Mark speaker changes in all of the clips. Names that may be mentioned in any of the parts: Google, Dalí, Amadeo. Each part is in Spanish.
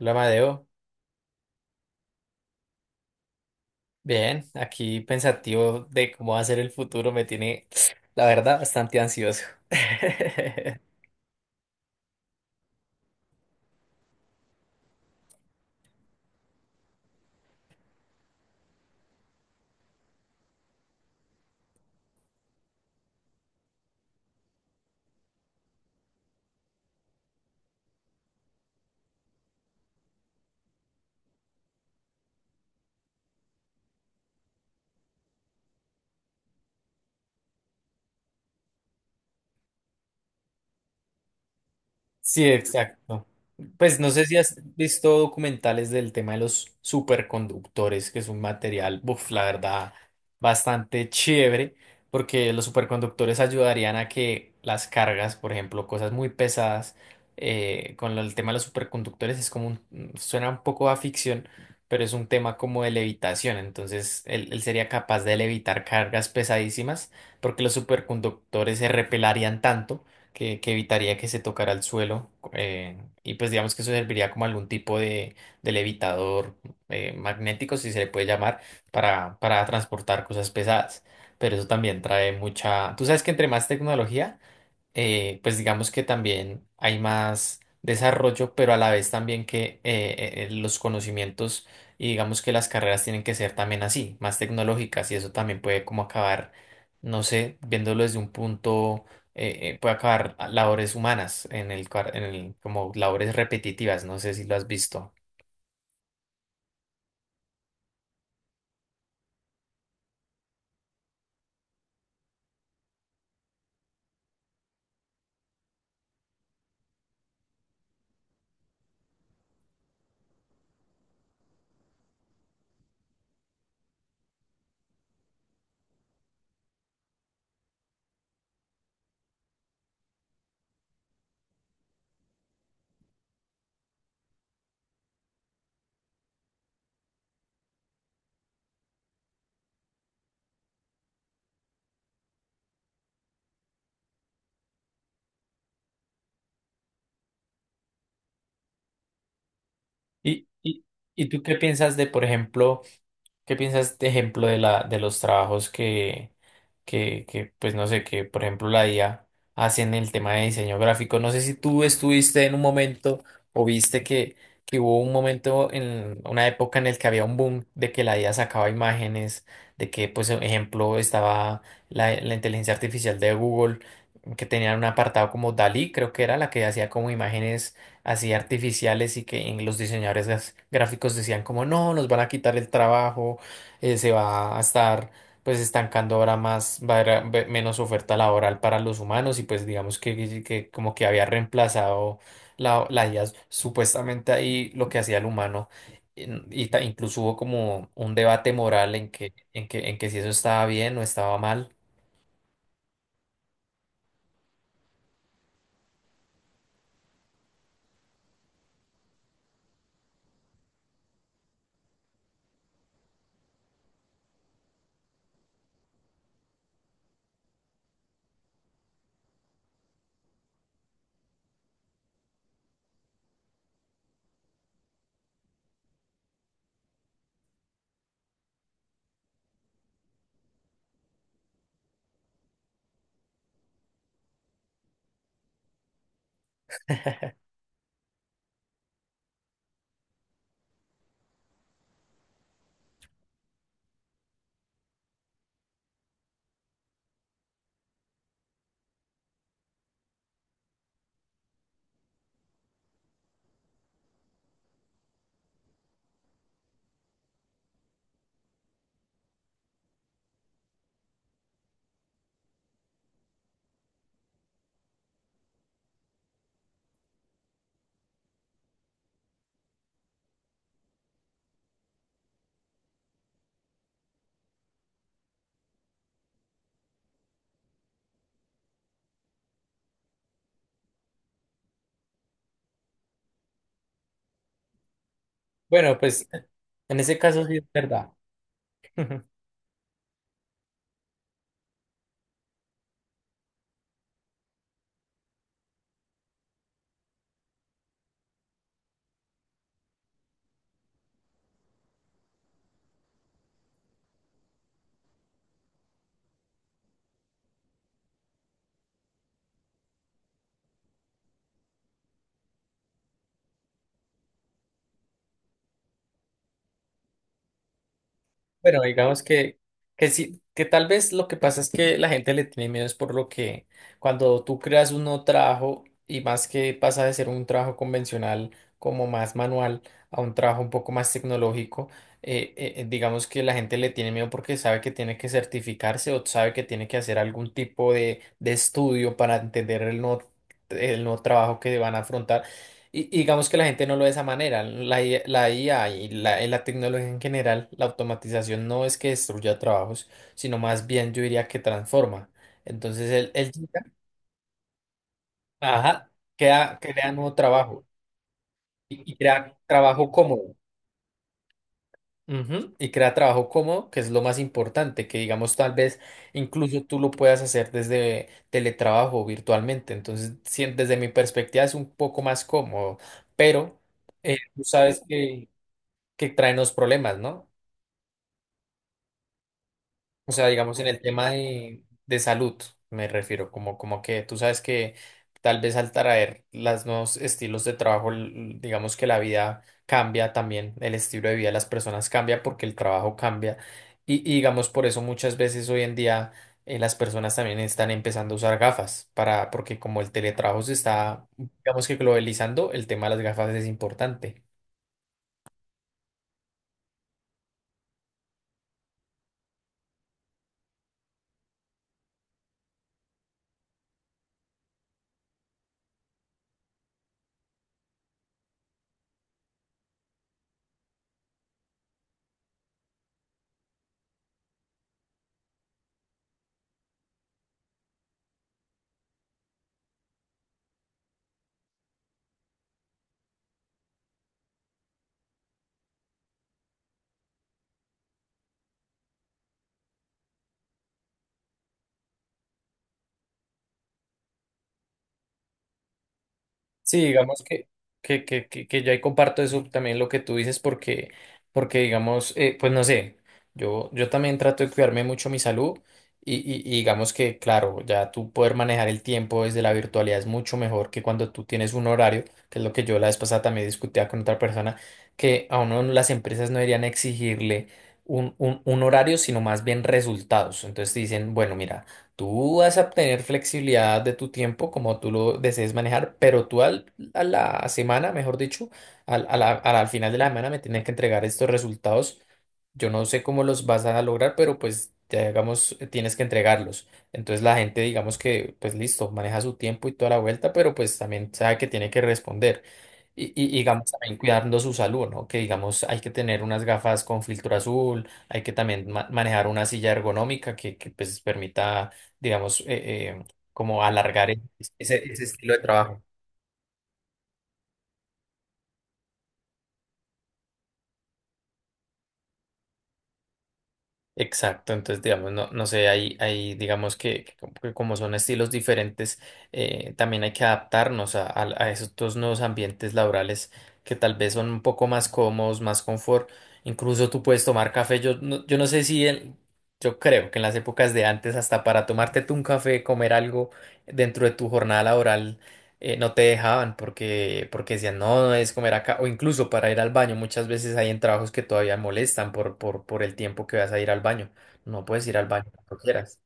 Speaker 1: Hola, Amadeo. Bien, aquí pensativo de cómo va a ser el futuro me tiene, la verdad, bastante ansioso. Sí, exacto. Pues no sé si has visto documentales del tema de los superconductores, que es un material, buf, la verdad, bastante chévere, porque los superconductores ayudarían a que las cargas, por ejemplo, cosas muy pesadas, con el tema de los superconductores es como suena un poco a ficción, pero es un tema como de levitación, entonces él sería capaz de levitar cargas pesadísimas, porque los superconductores se repelarían tanto que evitaría que se tocara el suelo. Y pues digamos que eso serviría como algún tipo de levitador magnético, si se le puede llamar, para transportar cosas pesadas. Pero eso también trae mucha... Tú sabes que entre más tecnología, pues digamos que también hay más desarrollo, pero a la vez también que los conocimientos y digamos que las carreras tienen que ser también así, más tecnológicas y eso también puede como acabar, no sé, viéndolo desde un punto, puede acabar labores humanas en en el, como labores repetitivas, no sé si lo has visto. ¿Y, y, y tú qué piensas de, por ejemplo, ¿qué piensas, de ejemplo, de de los trabajos que, pues no sé, que por ejemplo la IA hace en el tema de diseño gráfico? No sé si tú estuviste en un momento o viste que hubo un momento en una época en el que había un boom de que la IA sacaba imágenes, de que, pues, ejemplo, estaba la inteligencia artificial de Google, que tenía un apartado como Dalí, creo que era la que hacía como imágenes así artificiales y que en los diseñadores gráficos decían como no, nos van a quitar el trabajo, se va a estar pues estancando ahora más, va a haber menos oferta laboral para los humanos y pues digamos que como que había reemplazado la IA supuestamente ahí lo que hacía el humano incluso hubo como un debate moral en en que si eso estaba bien o estaba mal. Bueno, pues en ese caso sí es verdad. Bueno, digamos que sí, que tal vez lo que pasa es que la gente le tiene miedo es por lo que cuando tú creas un nuevo trabajo y más que pasa de ser un trabajo convencional como más manual a un trabajo un poco más tecnológico, digamos que la gente le tiene miedo porque sabe que tiene que certificarse o sabe que tiene que hacer algún tipo de estudio para entender el nuevo trabajo que van a afrontar. Y digamos que la gente no lo ve de esa manera. La IA y y la tecnología en general, la automatización no es que destruya trabajos, sino más bien yo diría que transforma. Entonces él llega, ajá, crea nuevo trabajo y crea trabajo cómodo. Ujú. Y crea trabajo cómodo, que es lo más importante, que digamos tal vez incluso tú lo puedas hacer desde teletrabajo o virtualmente. Entonces, sí, desde mi perspectiva es un poco más cómodo, pero tú sabes que traen los problemas, ¿no? O sea, digamos en el tema de salud, me refiero, como, como que tú sabes que tal vez al traer los nuevos estilos de trabajo, digamos que la vida cambia también, el estilo de vida de las personas cambia porque el trabajo cambia. Y digamos por eso muchas veces hoy en día, las personas también están empezando a usar gafas para, porque como el teletrabajo se está, digamos que globalizando, el tema de las gafas es importante. Sí, digamos que, que yo ahí comparto eso también lo que tú dices porque, porque digamos, pues no sé, yo también trato de cuidarme mucho mi salud y digamos que, claro, ya tú poder manejar el tiempo desde la virtualidad es mucho mejor que cuando tú tienes un horario, que es lo que yo la vez pasada también discutía con otra persona, que a uno las empresas no deberían exigirle un horario, sino más bien resultados. Entonces dicen, bueno, mira. Tú vas a obtener flexibilidad de tu tiempo como tú lo desees manejar, pero tú al, a la semana, mejor dicho, al, a la- al final de la semana me tienes que entregar estos resultados. Yo no sé cómo los vas a lograr, pero pues ya digamos, tienes que entregarlos. Entonces la gente, digamos que, pues listo, maneja su tiempo y toda la vuelta, pero pues también sabe que tiene que responder. Y digamos también cuidando su salud, ¿no? Que digamos hay que tener unas gafas con filtro azul, hay que también manejar una silla ergonómica que, pues permita, digamos, eh, como alargar ese estilo de trabajo. Exacto, entonces digamos, no, no sé, hay digamos que como son estilos diferentes, también hay que adaptarnos a esos nuevos ambientes laborales que tal vez son un poco más cómodos, más confort, incluso tú puedes tomar café, yo no, yo no sé si, yo creo que en las épocas de antes hasta para tomarte tú un café, comer algo dentro de tu jornada laboral, no te dejaban porque, porque decían, no, no es comer acá, o incluso para ir al baño, muchas veces hay en trabajos que todavía molestan por el tiempo que vas a ir al baño, no puedes ir al baño cuando quieras.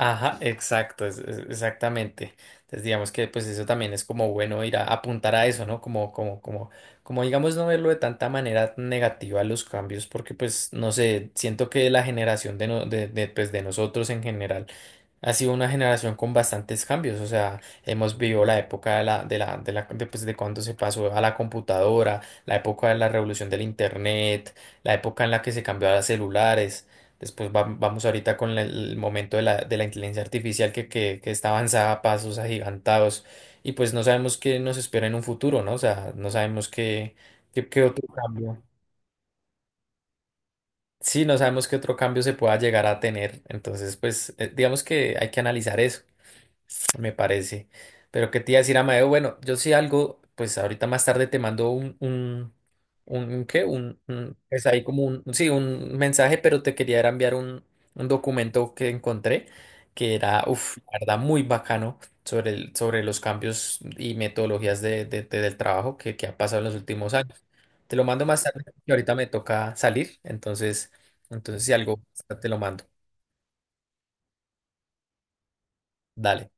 Speaker 1: Ajá, exacto, exactamente. Entonces digamos que pues eso también es como bueno ir a apuntar a eso, ¿no? Como digamos no verlo de tanta manera negativa los cambios, porque pues no sé, siento que la generación de, no- de, pues, de nosotros en general ha sido una generación con bastantes cambios, o sea, hemos vivido la época de de, pues, de cuando se pasó a la computadora, la época de la revolución del internet, la época en la que se cambió a los celulares, después vamos ahorita con el momento de de la inteligencia artificial que, que está avanzada a pasos agigantados y pues no sabemos qué nos espera en un futuro, ¿no? O sea, no sabemos qué otro cambio. Sí, no sabemos qué otro cambio se pueda llegar a tener, entonces pues digamos que hay que analizar eso. Me parece. Pero qué te iba a decir, Amadeo, bueno, yo sí algo, pues ahorita más tarde te mando ¿qué? Pues ahí como un, sí, un mensaje, pero te quería era enviar un documento que encontré que era, uff, la verdad, muy bacano sobre sobre los cambios y metodologías del trabajo que ha pasado en los últimos años. Te lo mando más tarde, que ahorita me toca salir, entonces, entonces si algo, te lo mando. Dale.